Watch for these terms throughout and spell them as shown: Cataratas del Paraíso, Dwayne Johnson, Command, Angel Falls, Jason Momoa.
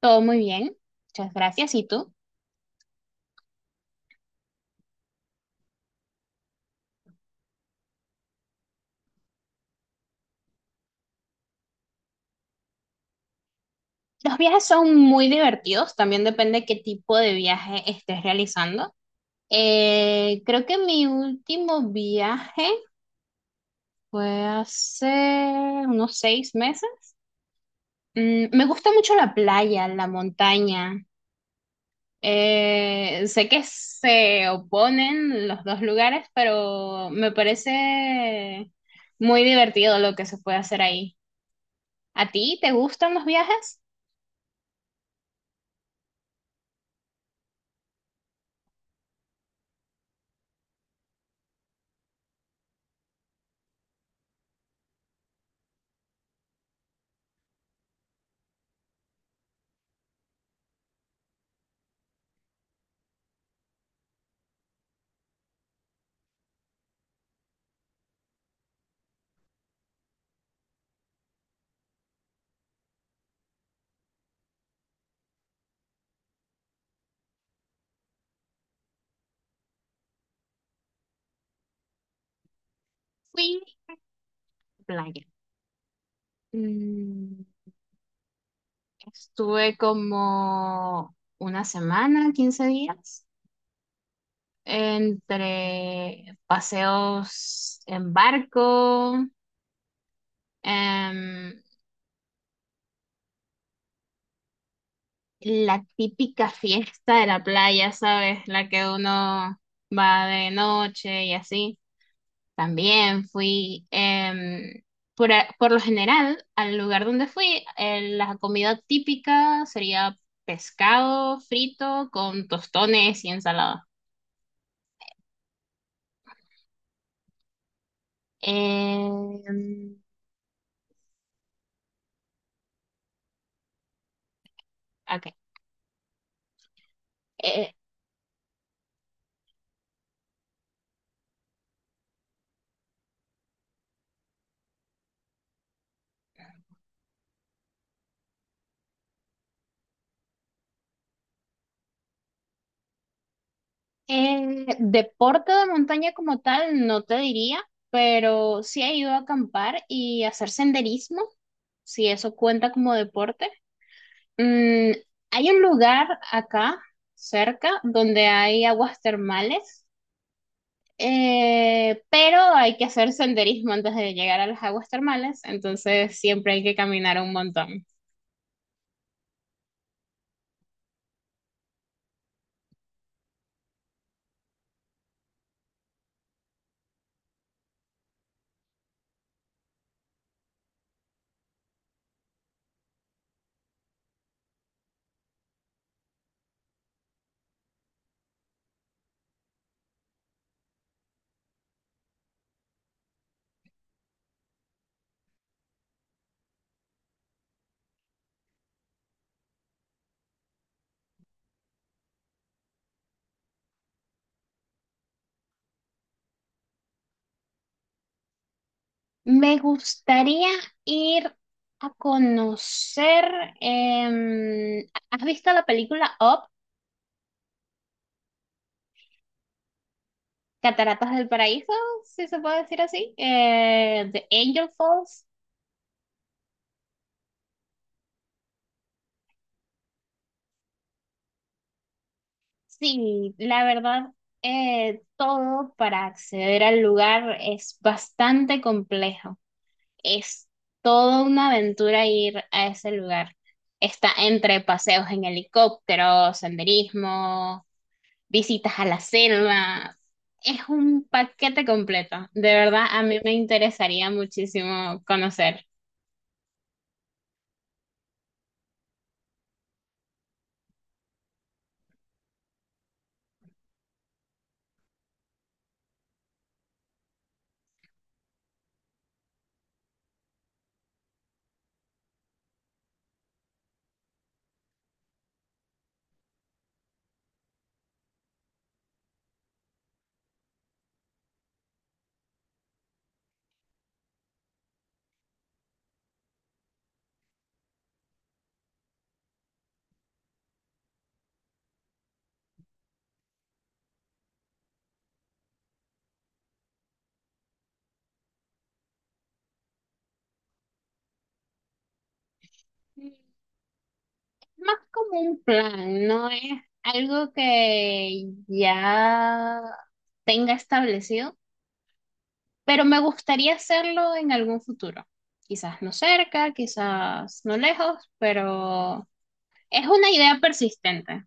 Todo muy bien, muchas gracias. ¿Y tú? Los viajes son muy divertidos, también depende qué tipo de viaje estés realizando. Creo que mi último viaje fue hace unos 6 meses. Mm, me gusta mucho la playa, la montaña. Sé que se oponen los dos lugares, pero me parece muy divertido lo que se puede hacer ahí. ¿A ti te gustan los viajes? Fui a la playa. Mm. Estuve como una semana, 15 días, entre paseos en barco, em, la típica fiesta de la playa, ¿sabes? La que uno va de noche y así. También fui, por lo general, al lugar donde fui, la comida típica sería pescado frito con tostones y ensalada. Em, ok. Eh, deporte de montaña como tal, no te diría, pero sí he ido a acampar y hacer senderismo, si eso cuenta como deporte. Mm, hay un lugar acá cerca donde hay aguas termales, pero hay que hacer senderismo antes de llegar a las aguas termales, entonces siempre hay que caminar un montón. Me gustaría ir a conocer. ¿Has visto la película Up? Cataratas del Paraíso, si se puede decir así. The Angel Falls. Sí, la verdad, todo para acceder al lugar es bastante complejo. Es toda una aventura ir a ese lugar. Está entre paseos en helicóptero, senderismo, visitas a las selvas. Es un paquete completo. De verdad, a mí me interesaría muchísimo conocer. Más como un plan, no es algo que ya tenga establecido, pero me gustaría hacerlo en algún futuro. Quizás no cerca, quizás no lejos, pero es una idea persistente.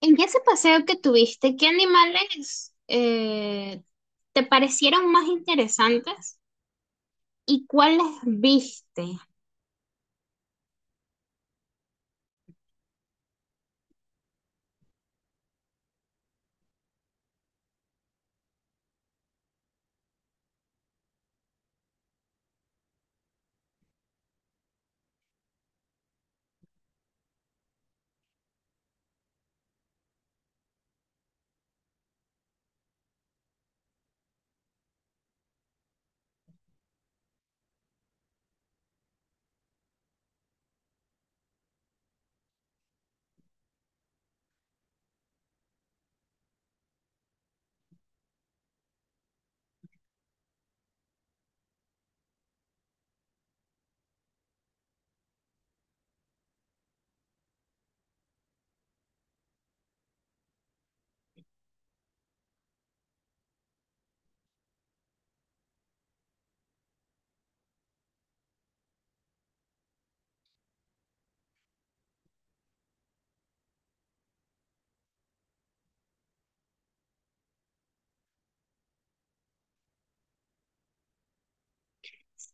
En ese paseo que tuviste, ¿qué animales te parecieron más interesantes? ¿Y cuáles viste?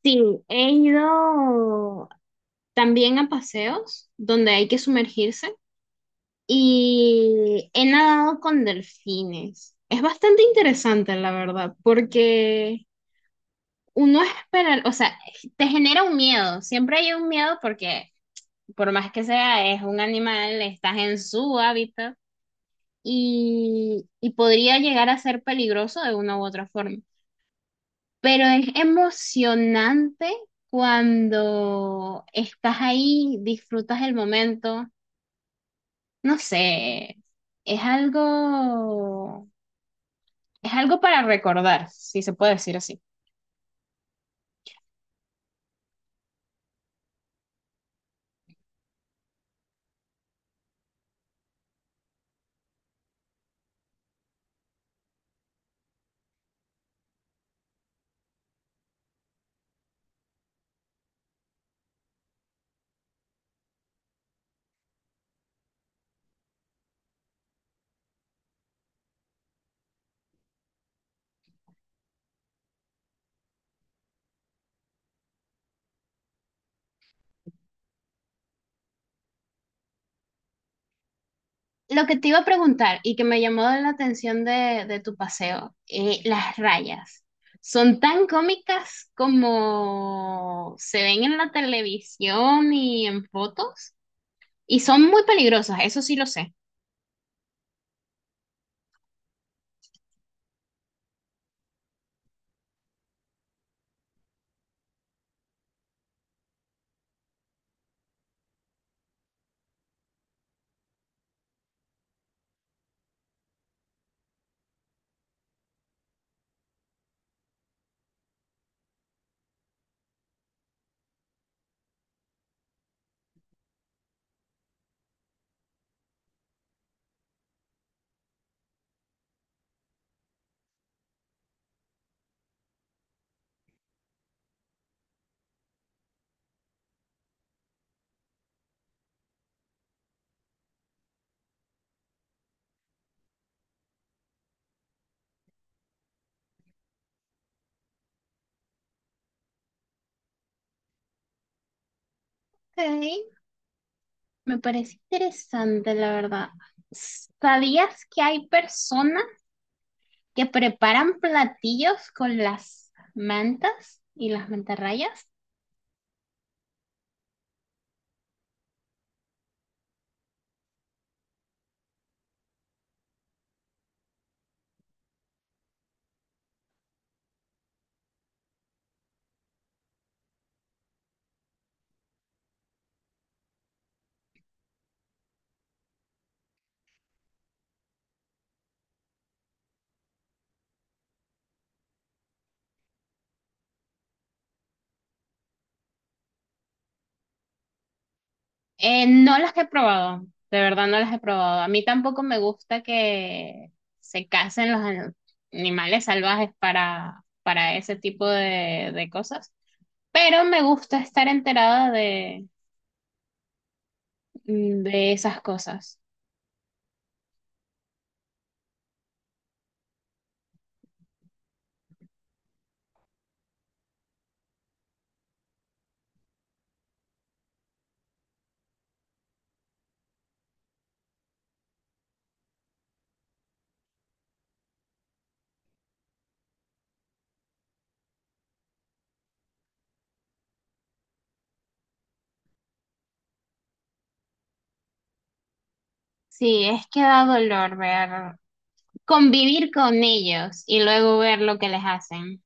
Sí, he ido también a paseos donde hay que sumergirse y he nadado con delfines. Es bastante interesante, la verdad, porque uno espera, o sea, te genera un miedo, siempre hay un miedo porque por más que sea, es un animal, estás en su hábitat y podría llegar a ser peligroso de una u otra forma. Pero es emocionante cuando estás ahí, disfrutas el momento. No sé, es algo, es algo para recordar, si se puede decir así. Lo que te iba a preguntar y que me llamó la atención de tu paseo, las rayas. ¿Son tan cómicas como se ven en la televisión y en fotos? Y son muy peligrosas, eso sí lo sé. Ok. Me parece interesante, la verdad. ¿Sabías que hay personas que preparan platillos con las mantas y las mantarrayas? No las he probado, de verdad no las he probado. A mí tampoco me gusta que se casen los animales salvajes para ese tipo de cosas, pero me gusta estar enterada de esas cosas. Sí, es que da dolor ver convivir con ellos y luego ver lo que les hacen.